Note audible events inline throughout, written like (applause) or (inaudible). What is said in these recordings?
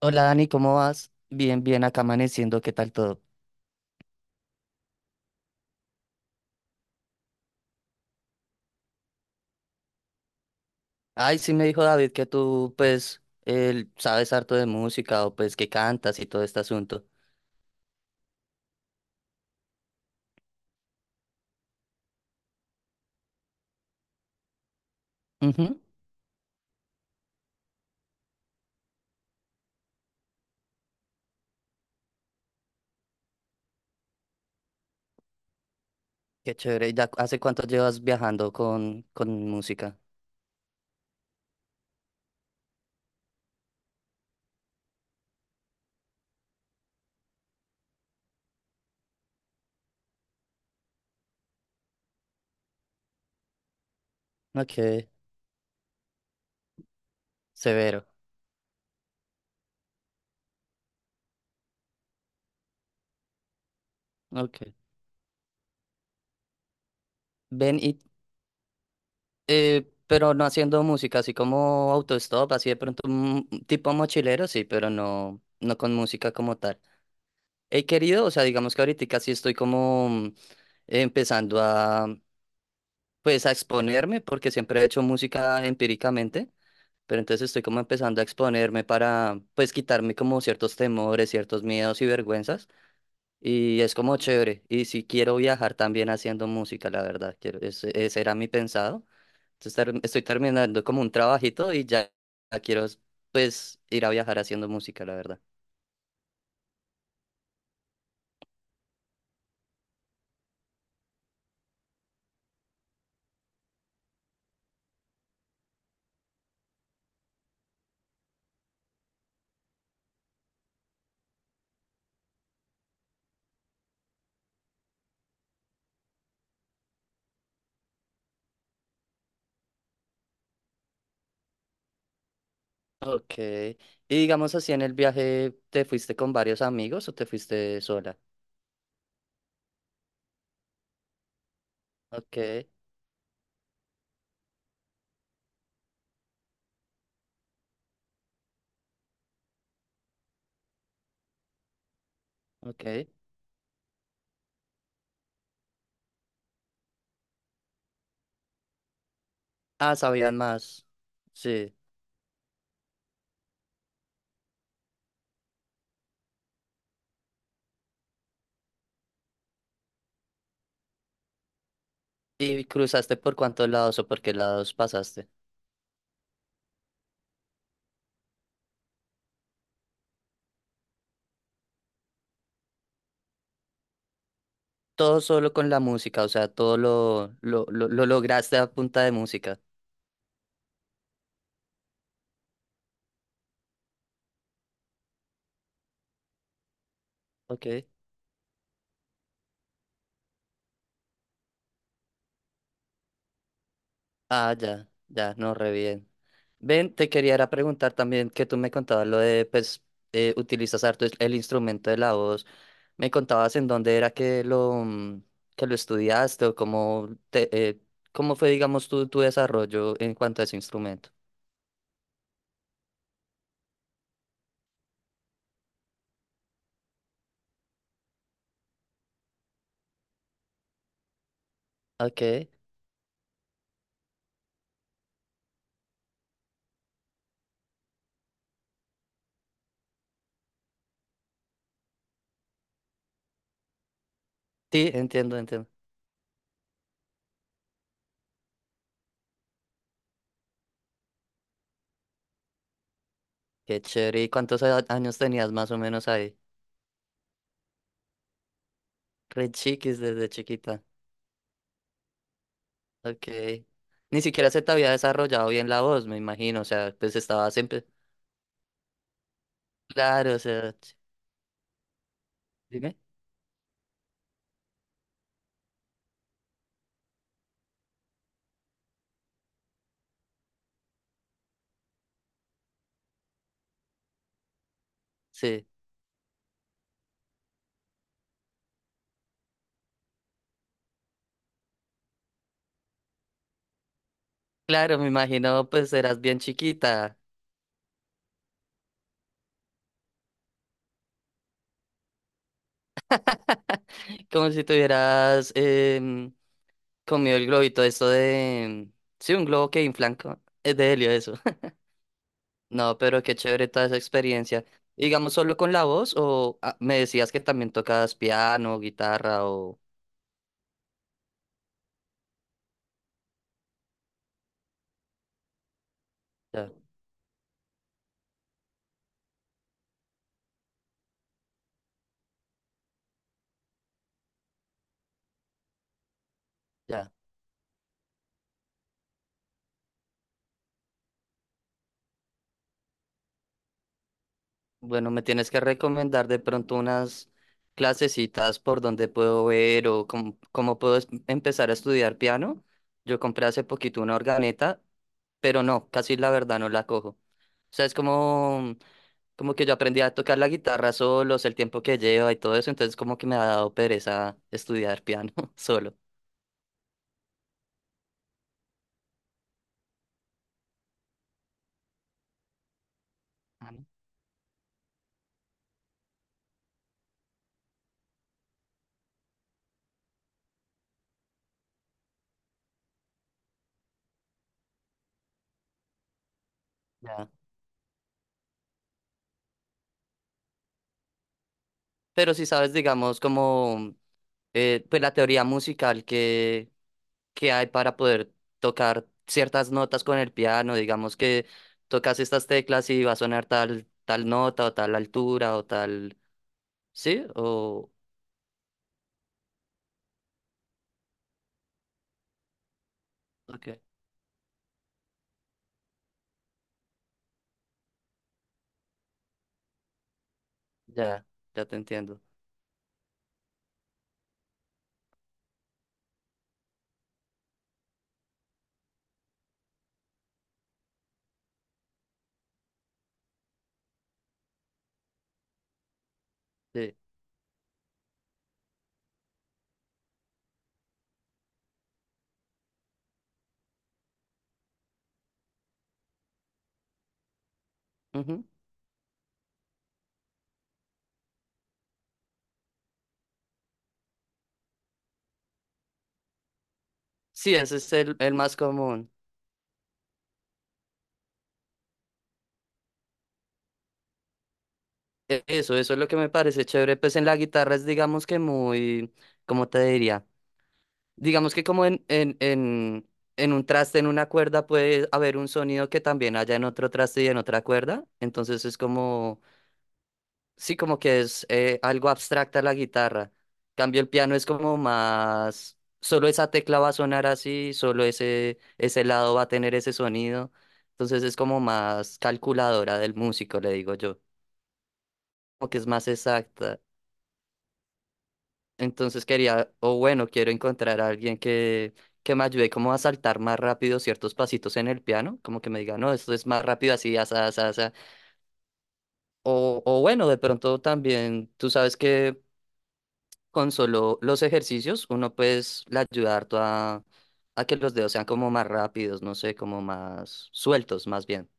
Hola Dani, ¿cómo vas? Bien, bien, acá amaneciendo, ¿qué tal todo? Ay, sí me dijo David que tú, pues, él sabes harto de música o pues que cantas y todo este asunto. Ujú. Qué chévere. ¿Y ya hace cuánto llevas viajando con música? Ok, severo. Ok. Ven y, pero no haciendo música, así como autostop, así de pronto tipo mochilero, sí, pero no, no con música como tal. He querido, o sea, digamos que ahorita sí estoy como empezando pues a exponerme, porque siempre he hecho música empíricamente, pero entonces estoy como empezando a exponerme para, pues, quitarme como ciertos temores, ciertos miedos y vergüenzas, y es como chévere, y si quiero viajar también haciendo música, la verdad, quiero, ese era mi pensado, entonces estoy terminando como un trabajito y ya ya quiero, pues, ir a viajar haciendo música, la verdad. Ok, y digamos así en el viaje, ¿te fuiste con varios amigos o te fuiste sola? Ok, ok. Ah, sabían más. Sí. ¿Y cruzaste por cuántos lados o por qué lados pasaste? Todo solo con la música, o sea, todo lo lograste a punta de música. Ok. Ah, ya, ya, no, re bien. Ven, te quería era preguntar también que tú me contabas lo de, pues, utilizas harto el instrumento de la voz. Me contabas en dónde era que lo estudiaste o cómo, cómo fue, digamos, tu desarrollo en cuanto a ese instrumento. Ok. Sí, entiendo, entiendo. Qué chévere. ¿Y cuántos años tenías más o menos ahí? Re chiquis desde chiquita. Ok. Ni siquiera se te había desarrollado bien la voz, me imagino. O sea, pues estabas siempre. Claro, o sea. Dime. Sí. Claro, me imagino, pues eras bien chiquita. (laughs) Como si tuvieras em, comido el globito, esto de. Sí, un globo que inflan. Es de helio, eso. (laughs) No, pero qué chévere toda esa experiencia. Digamos, solo con la voz, o me decías que también tocabas piano, guitarra, o. Ya, ya. Bueno, me tienes que recomendar de pronto unas clasecitas por donde puedo ver o cómo puedo empezar a estudiar piano. Yo compré hace poquito una organeta, pero no, casi la verdad no la cojo. O sea, es como que yo aprendí a tocar la guitarra solos, el tiempo que lleva y todo eso, entonces como que me ha dado pereza estudiar piano (laughs) solo. Ah, ¿no? Ya. Pero si sabes, digamos, como pues la teoría musical que hay para poder tocar ciertas notas con el piano, digamos que tocas estas teclas y va a sonar tal, tal nota o tal altura o tal, ¿sí? O, ok, ya, ya te entiendo. Sí, ujú. Sí, ese es el más común. Eso, eso es lo que me parece chévere. Pues en la guitarra es, digamos que muy, ¿cómo te diría? Digamos que como en un traste, en una cuerda, puede haber un sonido que también haya en otro traste y en otra cuerda. Entonces es como, sí, como que es algo abstracta la guitarra. Cambio el piano es como más, solo esa tecla va a sonar así, solo ese lado va a tener ese sonido. Entonces es como más calculadora del músico, le digo yo. Como que es más exacta. Entonces quería, o bueno, quiero encontrar a alguien que me ayude como a saltar más rápido ciertos pasitos en el piano, como que me diga, no, esto es más rápido así, asa, asa, asa. O bueno, de pronto también, tú sabes que con solo los ejercicios uno pues le ayuda harto a que los dedos sean como más rápidos, no sé, como más sueltos más bien.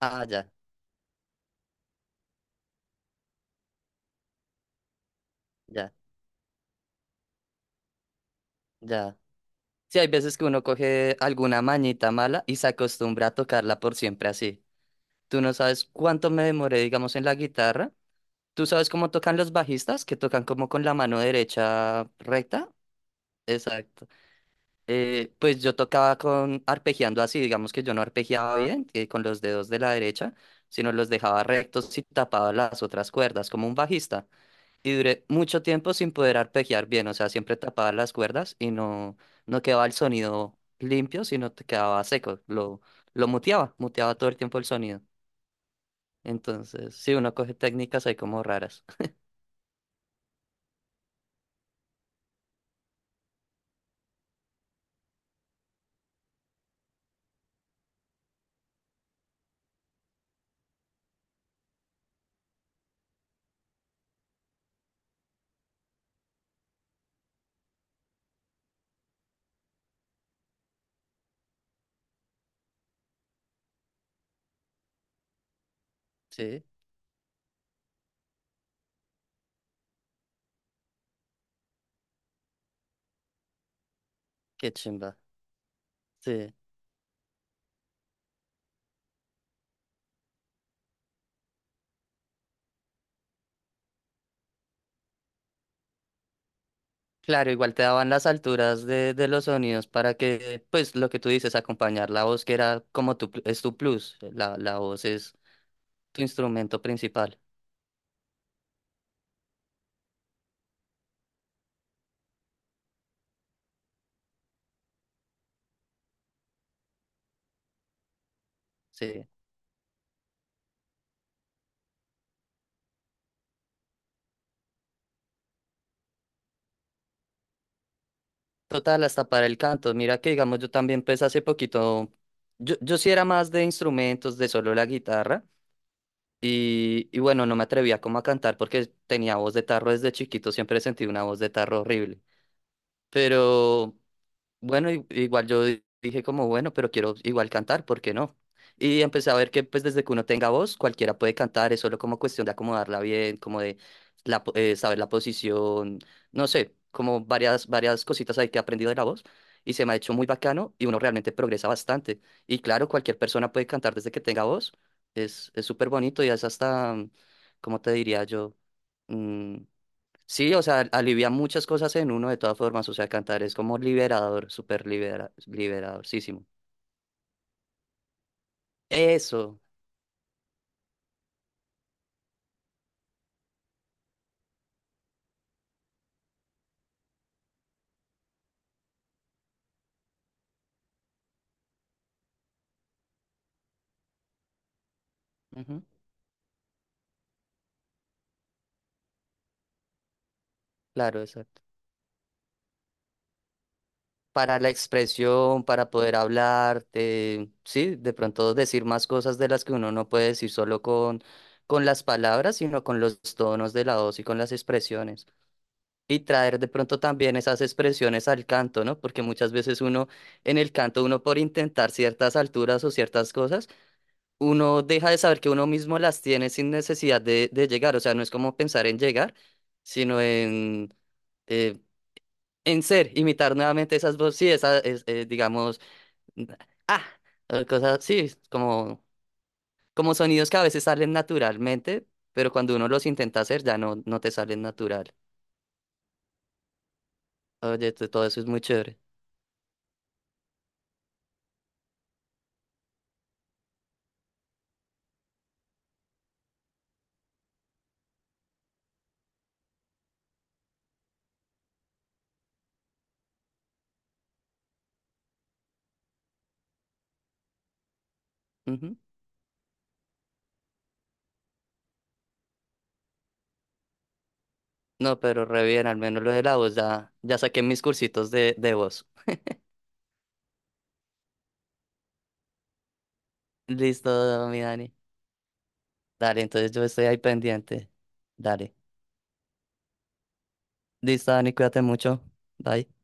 Ah, ya, ya, ya. Sí, hay veces que uno coge alguna mañita mala y se acostumbra a tocarla por siempre así. Tú no sabes cuánto me demoré, digamos, en la guitarra. ¿Tú sabes cómo tocan los bajistas, que tocan como con la mano derecha recta? Exacto. Pues yo tocaba con arpegiando así, digamos que yo no arpegiaba bien, con los dedos de la derecha, sino los dejaba rectos y tapaba las otras cuerdas, como un bajista. Y duré mucho tiempo sin poder arpegiar bien, o sea, siempre tapaba las cuerdas y no quedaba el sonido limpio, sino te quedaba seco. Lo muteaba, muteaba todo el tiempo el sonido. Entonces, sí, uno coge técnicas ahí como raras. (laughs) Sí, qué chimba. Sí. Claro, igual te daban las alturas de los sonidos para que, pues, lo que tú dices, acompañar la voz, que era como es tu plus. La voz es tu instrumento principal. Sí. Total, hasta para el canto. Mira que, digamos, yo también, pues, hace poquito, yo sí era más de instrumentos, de solo la guitarra. Y bueno, no me atrevía como a cantar porque tenía voz de tarro desde chiquito, siempre sentí una voz de tarro horrible. Pero bueno, igual yo dije como, bueno, pero quiero igual cantar, ¿por qué no? Y empecé a ver que pues desde que uno tenga voz, cualquiera puede cantar, es solo como cuestión de acomodarla bien, como de saber la posición, no sé, como varias, varias cositas ahí que he aprendido de la voz y se me ha hecho muy bacano y uno realmente progresa bastante. Y claro, cualquier persona puede cantar desde que tenga voz, es súper bonito y es hasta, ¿cómo te diría yo? Mm, Sí, o sea, alivia muchas cosas en uno de todas formas, o sea, cantar es como liberador, súper liberadorcísimo. Eso, ujú, claro, exacto. Para la expresión, para poder hablar, sí, de pronto decir más cosas de las que uno no puede decir solo con las palabras, sino con los tonos de la voz y con las expresiones. Y traer de pronto también esas expresiones al canto, ¿no? Porque muchas veces uno, en el canto, uno por intentar ciertas alturas o ciertas cosas, uno deja de saber que uno mismo las tiene sin necesidad de llegar. O sea, no es como pensar en llegar, sino eh, en ser, imitar nuevamente esas voces, sí, digamos, n- ah, o cosas, sí, como sonidos que a veces salen naturalmente, pero cuando uno los intenta hacer ya no te salen natural. Oye, todo eso es muy chévere. Ujú. No, pero re bien, al menos lo de la voz, ya, ya saqué mis cursitos de voz. Listo, mi Dani. Dale, entonces yo estoy ahí pendiente. Dale. Listo, Dani, cuídate mucho. Bye.